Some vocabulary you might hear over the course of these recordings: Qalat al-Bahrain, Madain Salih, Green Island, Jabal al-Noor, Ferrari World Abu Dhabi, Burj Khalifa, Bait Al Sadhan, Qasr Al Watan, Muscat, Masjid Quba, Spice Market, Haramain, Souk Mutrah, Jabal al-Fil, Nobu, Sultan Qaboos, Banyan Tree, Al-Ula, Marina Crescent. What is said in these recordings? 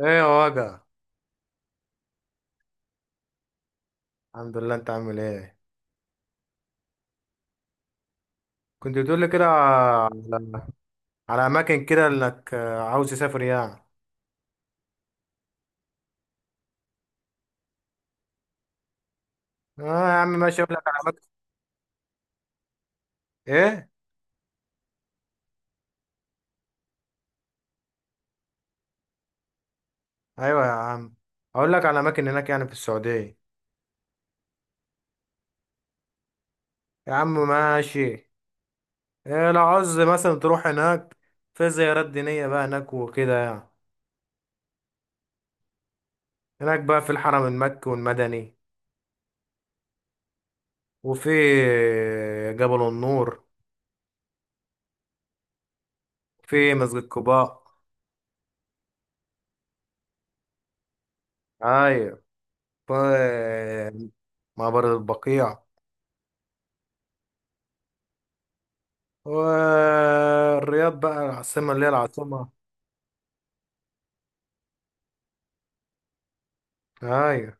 ايه يا وجع. الحمد لله، انت عامل ايه؟ كنت بتقول لي كده على اماكن كده انك عاوز تسافر يعني. اه يا عم ماشي، اقول لك على اماكن. ايه؟ ايوه يا عم. اقول لك على اماكن هناك يعني في السعوديه. يا عم ماشي. إيه، لو عاوز مثلا تروح هناك في زيارات دينيه بقى هناك وكده يعني. هناك بقى في الحرم المكي والمدني، وفي جبل النور، في مسجد قباء. ايوه. في مقبره البقيع، والرياض بقى العاصمة اللي هي العاصمة. أيوة،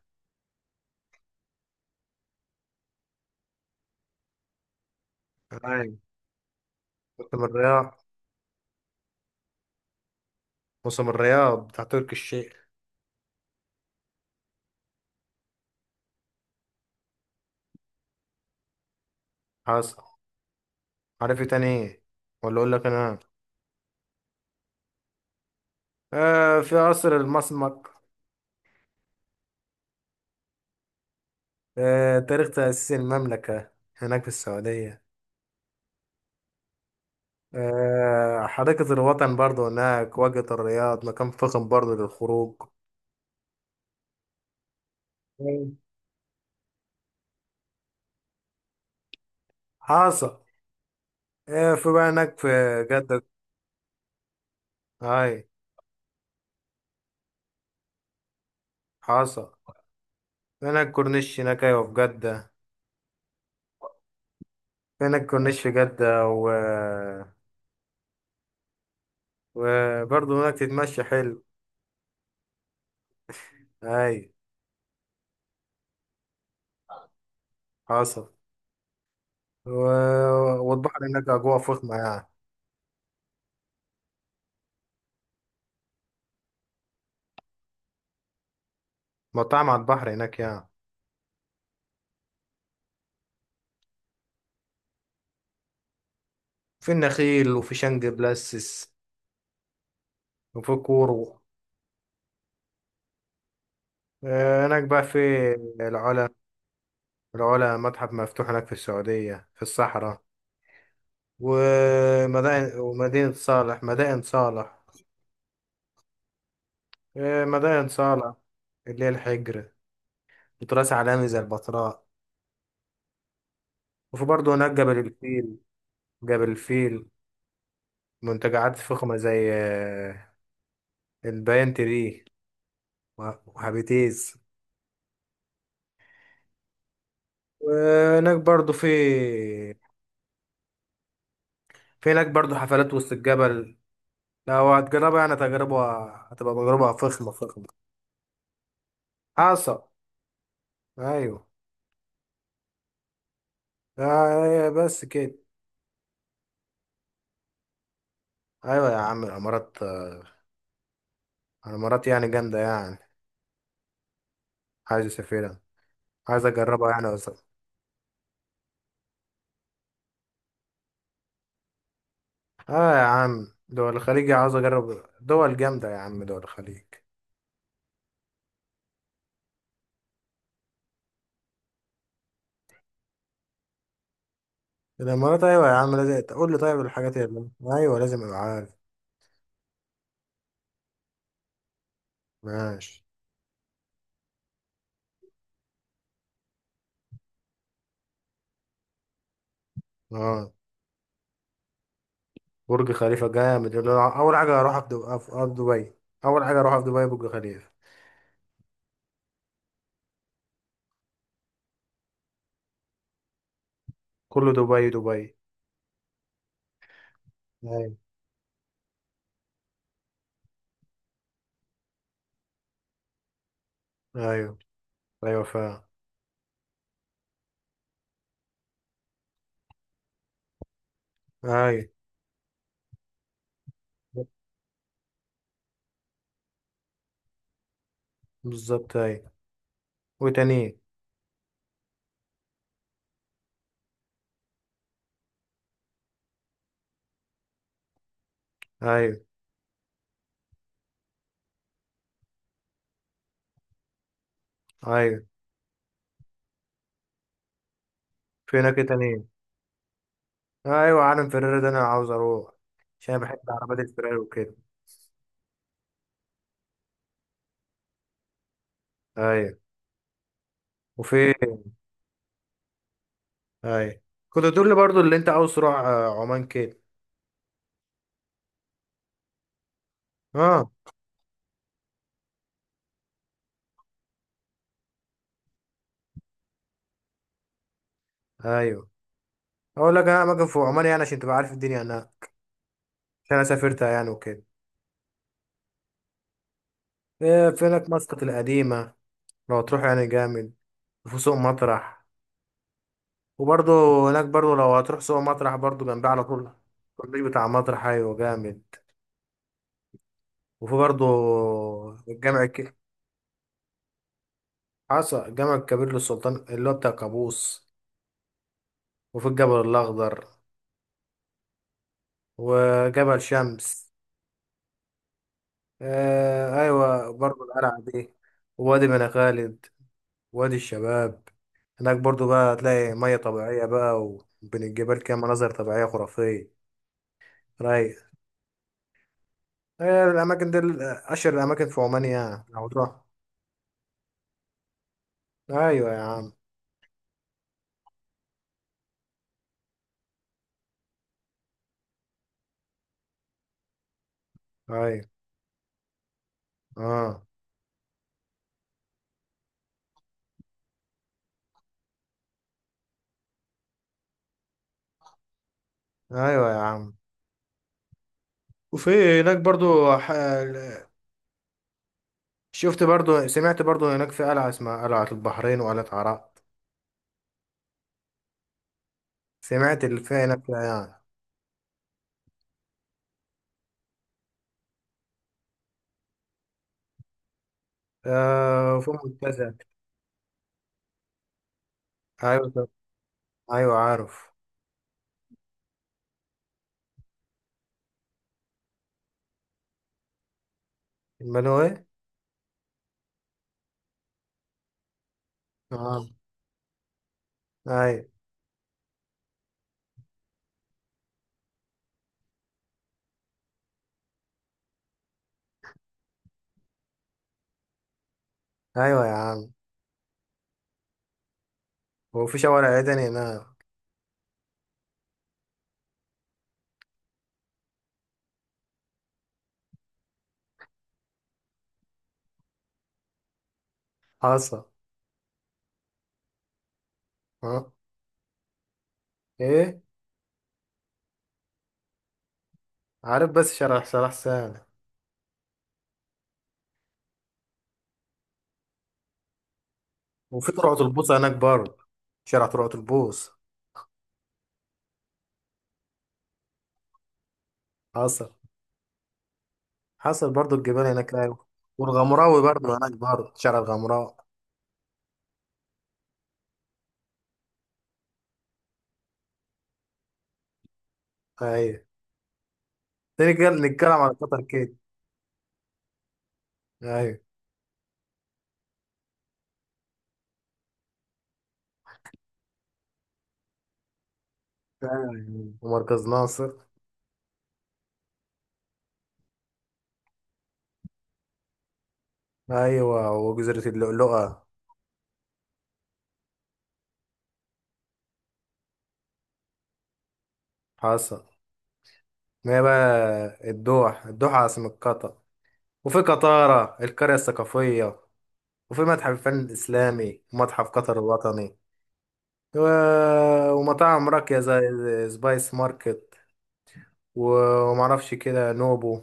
أيوة. موسم الرياض. موسم الرياض بتاع تركي الشيخ. حصل. عارف إيه تاني؟ إيه؟ ولا أقول لك أنا. في قصر المسمك. تاريخ تأسيس المملكة هناك في السعودية. حديقة الوطن برضو هناك، واجهة الرياض مكان فخم برضو للخروج. أيوة. حصل. في بقى هناك في جدة. أي. حصل. هناك كورنيش، هناك أيوة في جدة. هناك كورنيش في جدة وبرضه هناك تتمشى حلو. أي. حصل. و... والبحر هناك أجواء فخمة يعني. مطاعم على البحر هناك يعني. في النخيل وفي شنج بلاسس وفي كورو. هناك بقى في العلا. العلا متحف مفتوح هناك في السعودية في الصحراء. ومدينة صالح، مدائن صالح. مدائن صالح اللي هي الحجر، وتراث عالمي زي البتراء. وفي برضه هناك جبل الفيل. جبل الفيل. منتجعات فخمة زي البيان تري و- وهابيتيز. وهناك برضو في، في هناك برضو حفلات وسط الجبل. لو هتجربها يعني تجربة هتبقى تجربة فخمة فخمة. حصل. أيوة. بس كده. أيوة يا عم، الإمارات، الإمارات يعني جامدة يعني. عايز أسافرها، عايز أجربها يعني أصلا. آه يا عم، دول الخليج عاوز أجرب، دول جامدة يا عم دول الخليج. الامارات ايوه يا عم، لازم تقول لي طيب الحاجات اللي... ايوه لازم ابقى عارف. ماشي. اه، برج خليفه جامد، يقول له اول حاجه هروح في في أرض دبي. اول حاجه هروح في دبي برج خليفه. كله دبي دبي. ايوه، ايوه. ايوه فعلا. ايوه بالظبط ايوه. وتاني. ايوه، ايوه. في هناك إيه تاني؟ ايوه عالم فريري ده انا عاوز اروح، عشان أنا بحب عربيات الفراري وكده. ايوه. وفي. ايوه. كنت تقول لي برضو اللي انت عاوز تروح عمان كده. اه. ايوه. اقول لك انا اماكن في عمان يعني عشان تبقى عارف الدنيا انا. عشان انا سافرتها يعني وكده. إيه، في هناك مسقط القديمه، لو هتروح يعني جامد. وفي سوق مطرح. وبرضه هناك برضه لو هتروح سوق مطرح برضه جنبها على طول. الكورنيش بتاع مطرح ايوه جامد. وفي برضه الجامع حصل، الجامع الكبير للسلطان اللي هو بتاع قابوس. وفي الجبل الاخضر، وجبل شمس. آه ايوه، برضه القلعه دي، ووادي بني خالد، وادي الشباب. هناك برضو بقى هتلاقي مية طبيعية بقى، وبين الجبال كده مناظر طبيعية خرافية. رايق. هي الأماكن دي أشهر الأماكن في عمان يعني لو تروح. أيوة يا عم. أيوة. آه. أيوة يا عم. وفي هناك برضو. ح... شفت برضو، سمعت برضو هناك في قلعة اسمها قلعة البحرين وقلعة عراق. سمعت اللي فيها هناك فيها يعني. في منتزه. أيوة أيوة عارف. المنوي. آه. أيوة. أيوة يا عم. وفي شوارع عدن هناك. حصل. اه. ايه. عارف، بس شارع سهل. وفي ترعة البوص هناك برضه، شارع ترعة البوص. حصل. حصل برضه الجبال هناك ايوه. والغمراوي برضه هناك برضه شارع الغمراء. ايوه. تاني كده نتكلم على قطر كده. ايوه. أيوة. ومركز ناصر. ايوه، وجزيرة اللؤلؤة. حصل. ما هي بقى الدوحة عاصمة قطر. وفي قطارة القرية الثقافية. وفي متحف الفن الإسلامي ومتحف قطر الوطني. و- ومطاعم راقية زي سبايس ماركت، ومعرفش كده نوبو،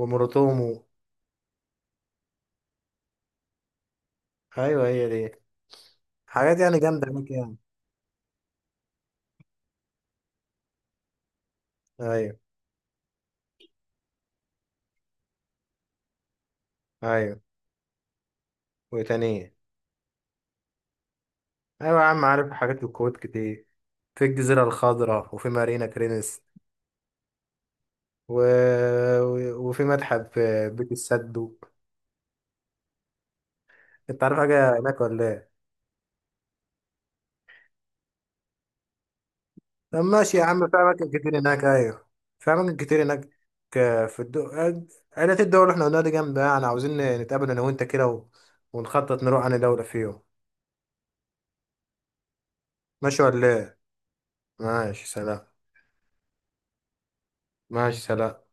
ومروتومو. أيوة هي دي حاجات يعني جامدة هناك يعني. أيوة. أيوة وتانية. أيوة يا عم، عارف حاجات في الكويت كتير. في الجزيرة الخضراء، وفي مارينا كرينس و... وفي متحف بيت السدو. أنت عارف حاجة هناك ولا إيه؟ طب ماشي يا عم، في أماكن كتير هناك أيوة. في أماكن كتير هناك. آه، في الدو عائلات الدول اللي إحنا قلناها دي جامدة يعني. عاوزين نتقابل أنا وأنت كده ونخطط نروح أنا دولة فيهم. ماشي ولا إيه؟ ماشي سلام. ماشي سلام.